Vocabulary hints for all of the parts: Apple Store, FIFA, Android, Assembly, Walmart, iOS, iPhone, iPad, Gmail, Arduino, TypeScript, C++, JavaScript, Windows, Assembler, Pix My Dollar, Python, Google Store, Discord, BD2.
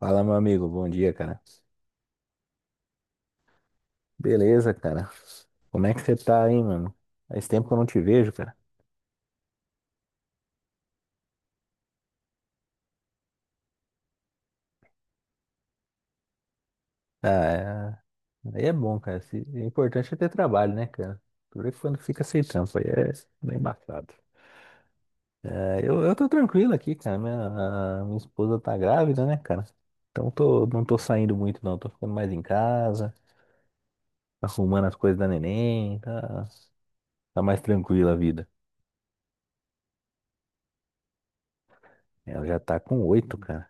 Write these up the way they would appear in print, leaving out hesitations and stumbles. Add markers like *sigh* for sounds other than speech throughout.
Fala, meu amigo. Bom dia, cara. Beleza, cara. Como é que você tá aí, mano? Faz tempo que eu não te vejo, cara. Ah, aí é bom, cara. Se... O importante é ter trabalho, né, cara? Por isso quando fica sem trampo, aí é bem embaçado. É, eu tô tranquilo aqui, cara. A minha esposa tá grávida, né, cara? Então não tô saindo muito, não. Tô ficando mais em casa, arrumando as coisas da neném. Tá, tá mais tranquila a vida. Ela já tá com 8, cara.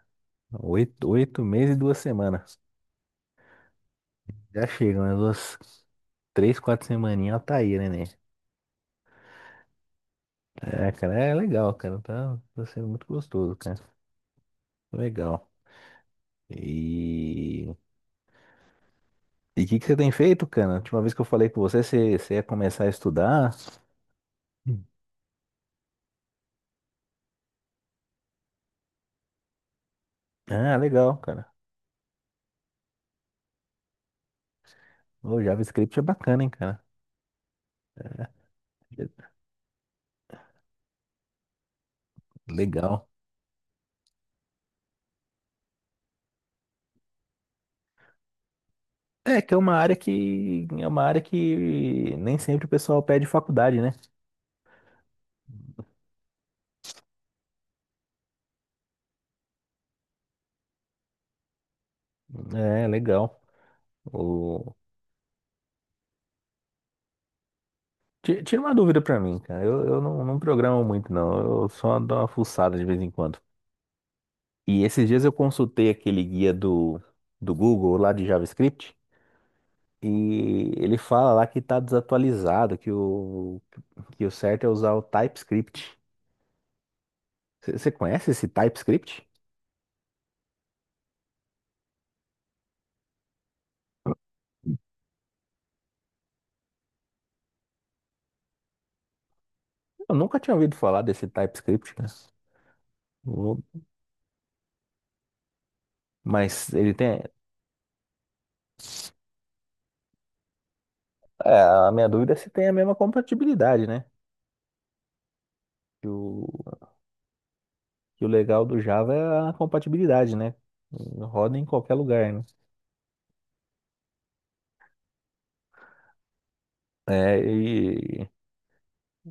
Oito meses e 2 semanas. Já chegam, né? Duas, três, quatro semaninhas, ela tá aí, né? É, cara, é legal, cara. Tá sendo muito gostoso, cara. Legal. E e o que que você tem feito, cara? A última vez que eu falei com você, você ia começar a estudar. Hum. Ah, legal, cara. O JavaScript é bacana, hein, cara. Legal. É, que é uma área que é uma área que nem sempre o pessoal pede faculdade, né? É, legal. Tira uma dúvida pra mim, cara. Eu não programo muito, não. Eu só dou uma fuçada de vez em quando. E esses dias eu consultei aquele guia do Google lá de JavaScript, e ele fala lá que tá desatualizado, que o certo é usar o TypeScript. Você conhece esse TypeScript? Eu nunca tinha ouvido falar desse TypeScript, cara. Vou- Mas ele tem. É, a minha dúvida é se tem a mesma compatibilidade, né? E o legal do Java é a compatibilidade, né? Roda em qualquer lugar, né? É, e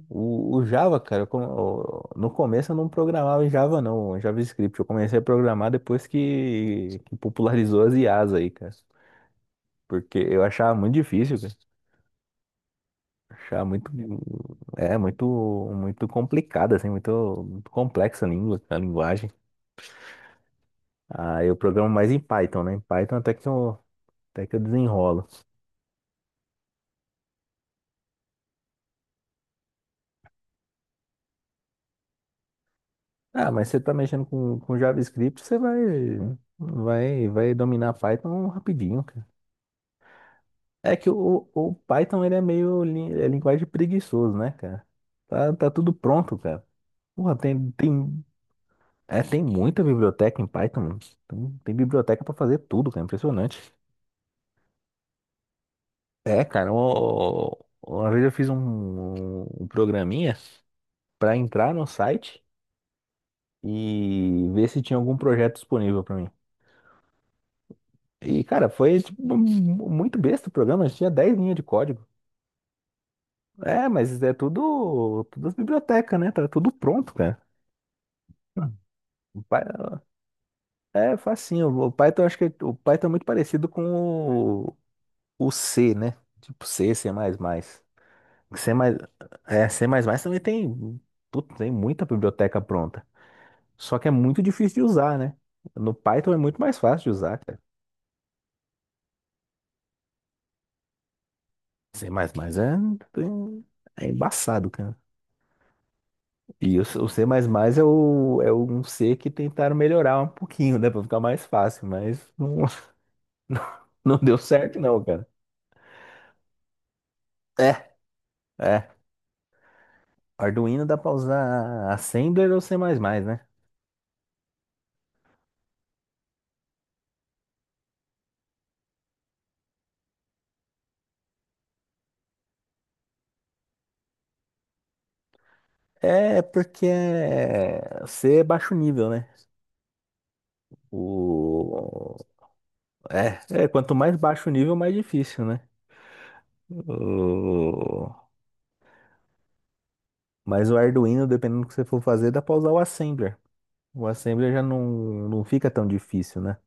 o Java, cara, no começo eu não programava em Java, não, em JavaScript. Eu comecei a programar depois que popularizou as IAs aí, cara. Porque eu achava muito difícil, cara. Achava muito, muito, muito complicada, assim, muito, muito complexa a linguagem. Ah, eu programo mais em Python, né? Em Python até que eu desenrolo. Ah, mas você tá mexendo com JavaScript, você vai dominar Python rapidinho, cara. É que o Python, ele é meio é linguagem preguiçoso, né, cara? Tá tudo pronto, cara. Porra, tem muita biblioteca em Python, mano. Tem biblioteca pra fazer tudo, cara. Impressionante. É, cara, uma vez eu fiz um programinha pra entrar no site e ver se tinha algum projeto disponível pra mim. E, cara, foi tipo, muito besta o programa, a gente tinha 10 linhas de código. É, mas é tudo as bibliotecas, né? Tá tudo pronto, cara. O Py- é facinho. O Python, acho que o Python é muito parecido com o, o C, né? Tipo C, C++. C++, C++ também tem, puta, tem muita biblioteca pronta. Só que é muito difícil de usar, né? No Python é muito mais fácil de usar, cara. C++ é embaçado, cara. O C++ é um C que tentaram melhorar um pouquinho, né? Pra ficar mais fácil, mas não, *laughs* não, não deu certo não, cara. É, é. Arduino dá pra usar Assembler ou C++, né? É porque C é baixo nível, né? O... é, quanto mais baixo o nível, mais difícil, né? O- Mas o Arduino, dependendo do que você for fazer, dá pra usar o Assembler. O Assembler já não fica tão difícil, né?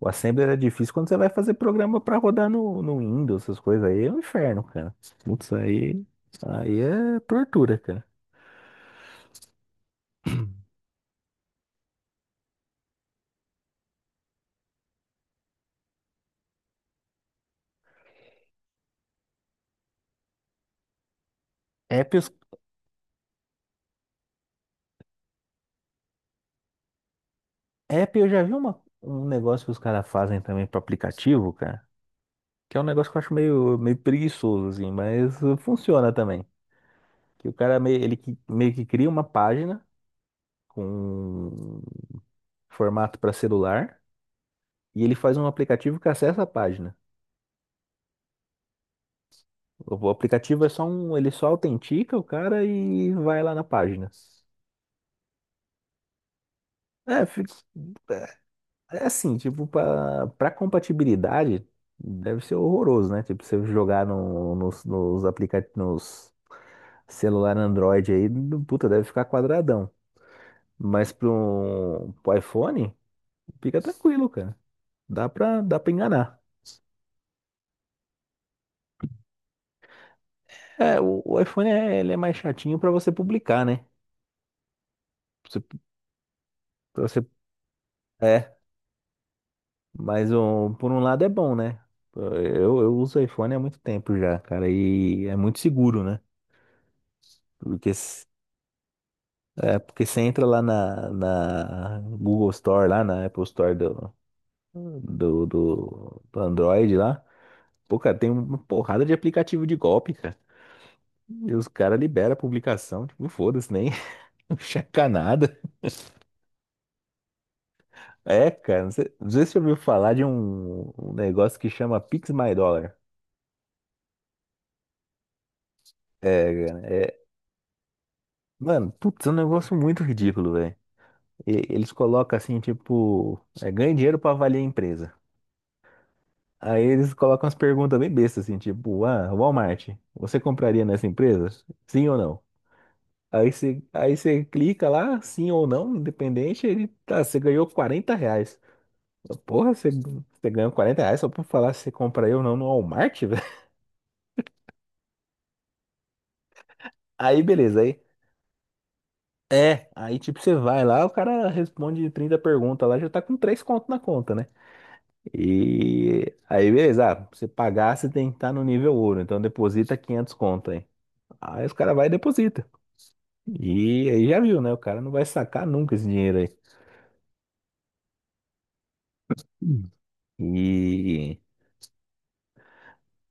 O Assembly era difícil quando você vai fazer programa pra rodar no Windows, essas coisas aí é um inferno, cara. Putz, aí é tortura, cara. App, os- app eu já vi uma, um negócio que os caras fazem também para aplicativo, cara, que é um negócio que eu acho meio, meio preguiçoso, assim, mas funciona também. Que o cara meio que cria uma página com formato para celular, e ele faz um aplicativo que acessa a página. O aplicativo é ele só autentica o cara e vai lá na página. É, é é assim, tipo, pra compatibilidade deve ser horroroso, né? Tipo, você jogar no, nos, nos aplicativos, nos celular Android aí, puta, deve ficar quadradão. Mas pro iPhone, fica tranquilo, cara. Dá pra enganar. É, o iPhone é, ele é mais chatinho pra você publicar, né? Você, pra você, é, mas um, Por um lado é bom, né? Eu uso iPhone há muito tempo já, cara, e é muito seguro, né? Porque porque você entra lá na Google Store, lá na Apple Store do Android lá. Pô, cara, tem uma porrada de aplicativo de golpe, cara. E os caras liberam a publicação, tipo, foda-se, nem *laughs* não checa nada. É, cara, não sei se você ouviu falar de um negócio que chama Pix My Dollar. É, cara, é, mano, putz, é um negócio muito ridículo, velho. Eles colocam assim, tipo, ganha dinheiro pra avaliar a empresa. Aí eles colocam umas perguntas bem bestas, assim, tipo, ah, Walmart, você compraria nessa empresa? Sim ou não? Aí você clica lá, sim ou não, independente, ele tá, você ganhou R$ 40. Porra, você ganhou R$ 40 só pra falar se você compraria ou não no Walmart, *laughs* velho? Aí beleza, aí. É, aí tipo, você vai lá, o cara responde 30 perguntas lá, já tá com 3 conto na conta, né? E aí beleza, ah, pra você pagar, você tem que estar no nível ouro, então deposita 500 conto aí. Aí os caras vai e deposita. E aí já viu, né? O cara não vai sacar nunca esse dinheiro aí. Hum. E,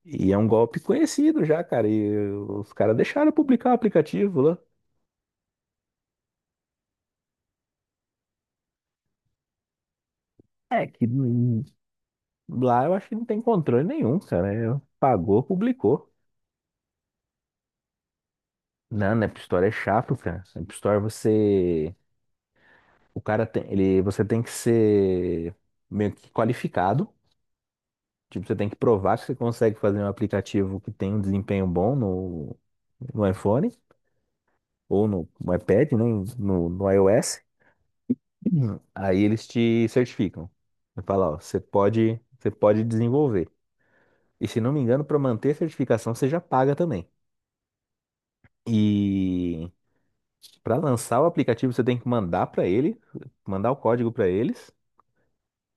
e é um golpe conhecido já, cara. E os caras deixaram publicar o aplicativo lá. É que lá eu acho que não tem controle nenhum, cara. É, pagou, publicou. Não, na App Store é chato, cara. Na App Store você. O cara tem. Você tem que ser meio que qualificado. Tipo, você tem que provar que você consegue fazer um aplicativo que tem um desempenho bom no iPhone, ou no iPad, né? No iOS. Uhum. Aí eles te certificam. Você fala, ó, você pode desenvolver. E se não me engano, para manter a certificação, você já paga também. E para lançar o aplicativo, você tem que mandar o código para eles.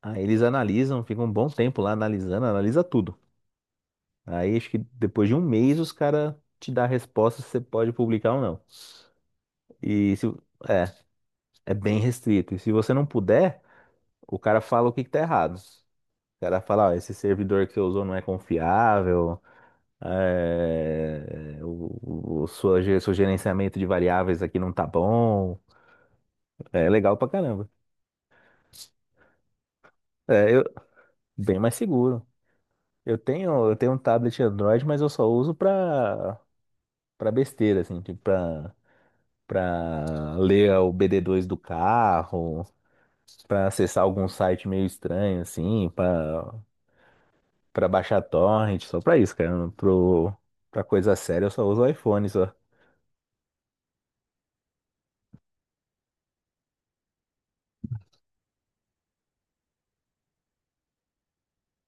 Aí eles analisam, ficam um bom tempo lá analisando, analisa tudo. Aí acho que depois de um mês os caras te dão a resposta se você pode publicar ou não. E se, é, é bem restrito. E se você não puder, o cara fala o que que tá errado. O cara fala, ó, esse servidor que você usou não é confiável, seu gerenciamento de variáveis aqui não tá bom. É legal pra caramba. É, bem mais seguro. Eu tenho um tablet Android, mas eu só uso pra, besteira, assim, tipo pra ler o BD2 do carro, pra acessar algum site meio estranho, assim, pra baixar torrent, só pra isso, cara. Pra coisa séria eu só uso o iPhone, só.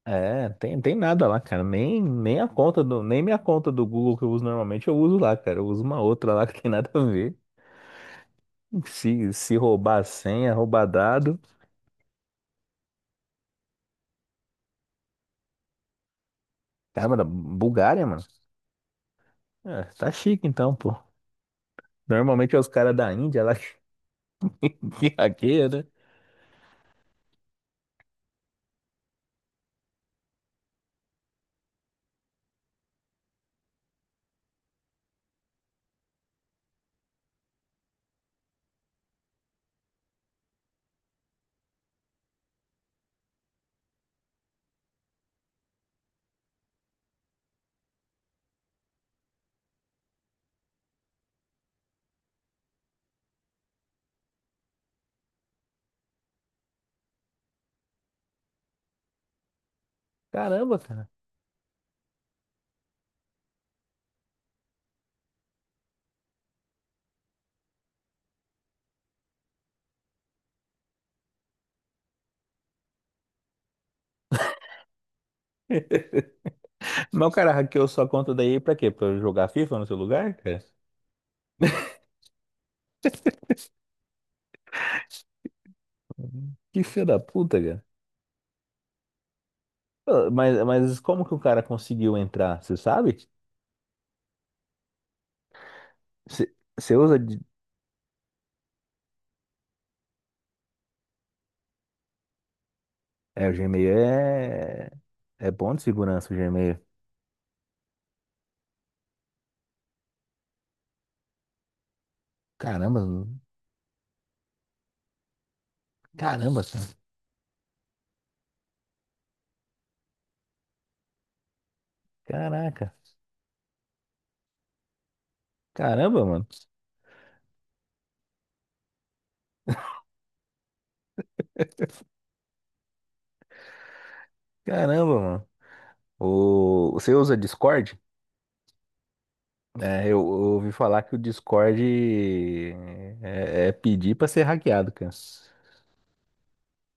É, tem nada lá, cara. Nem a conta do, nem minha conta do Google que eu uso normalmente eu uso lá, cara. Eu uso uma outra lá *laughs* que tem nada a ver. Se roubar a senha, roubar dado. Cara, mano, Bulgária, mano. É, tá chique então, pô. Normalmente é os caras da Índia lá *laughs* que né? Caramba, cara. Mas o cara hackeou sua conta daí pra quê? Pra eu jogar FIFA no seu lugar, cara? Que filho da puta, cara. Pô, mas como que o cara conseguiu entrar? Você sabe? Você usa. É, o Gmail é bom de segurança, o Gmail. Caramba, mano. Caramba, cara. Caraca. Caramba, mano. Caramba, mano. Você usa Discord? É, eu ouvi falar que o Discord é pedir pra ser hackeado, cara.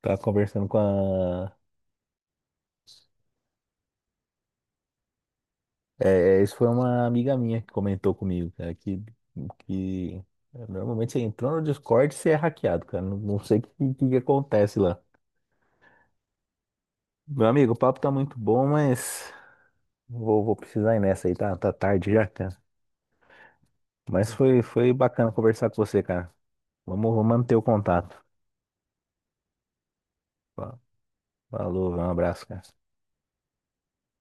Tava conversando com a. É, é, isso foi uma amiga minha que comentou comigo, cara, que normalmente você entrou no Discord e você é hackeado, cara. Não, não sei que acontece lá. Meu amigo, o papo tá muito bom, mas vou precisar ir nessa aí, tá tarde já, cara. Mas foi bacana conversar com você, cara. Vamos manter o contato. Fa- Falou, um abraço, cara.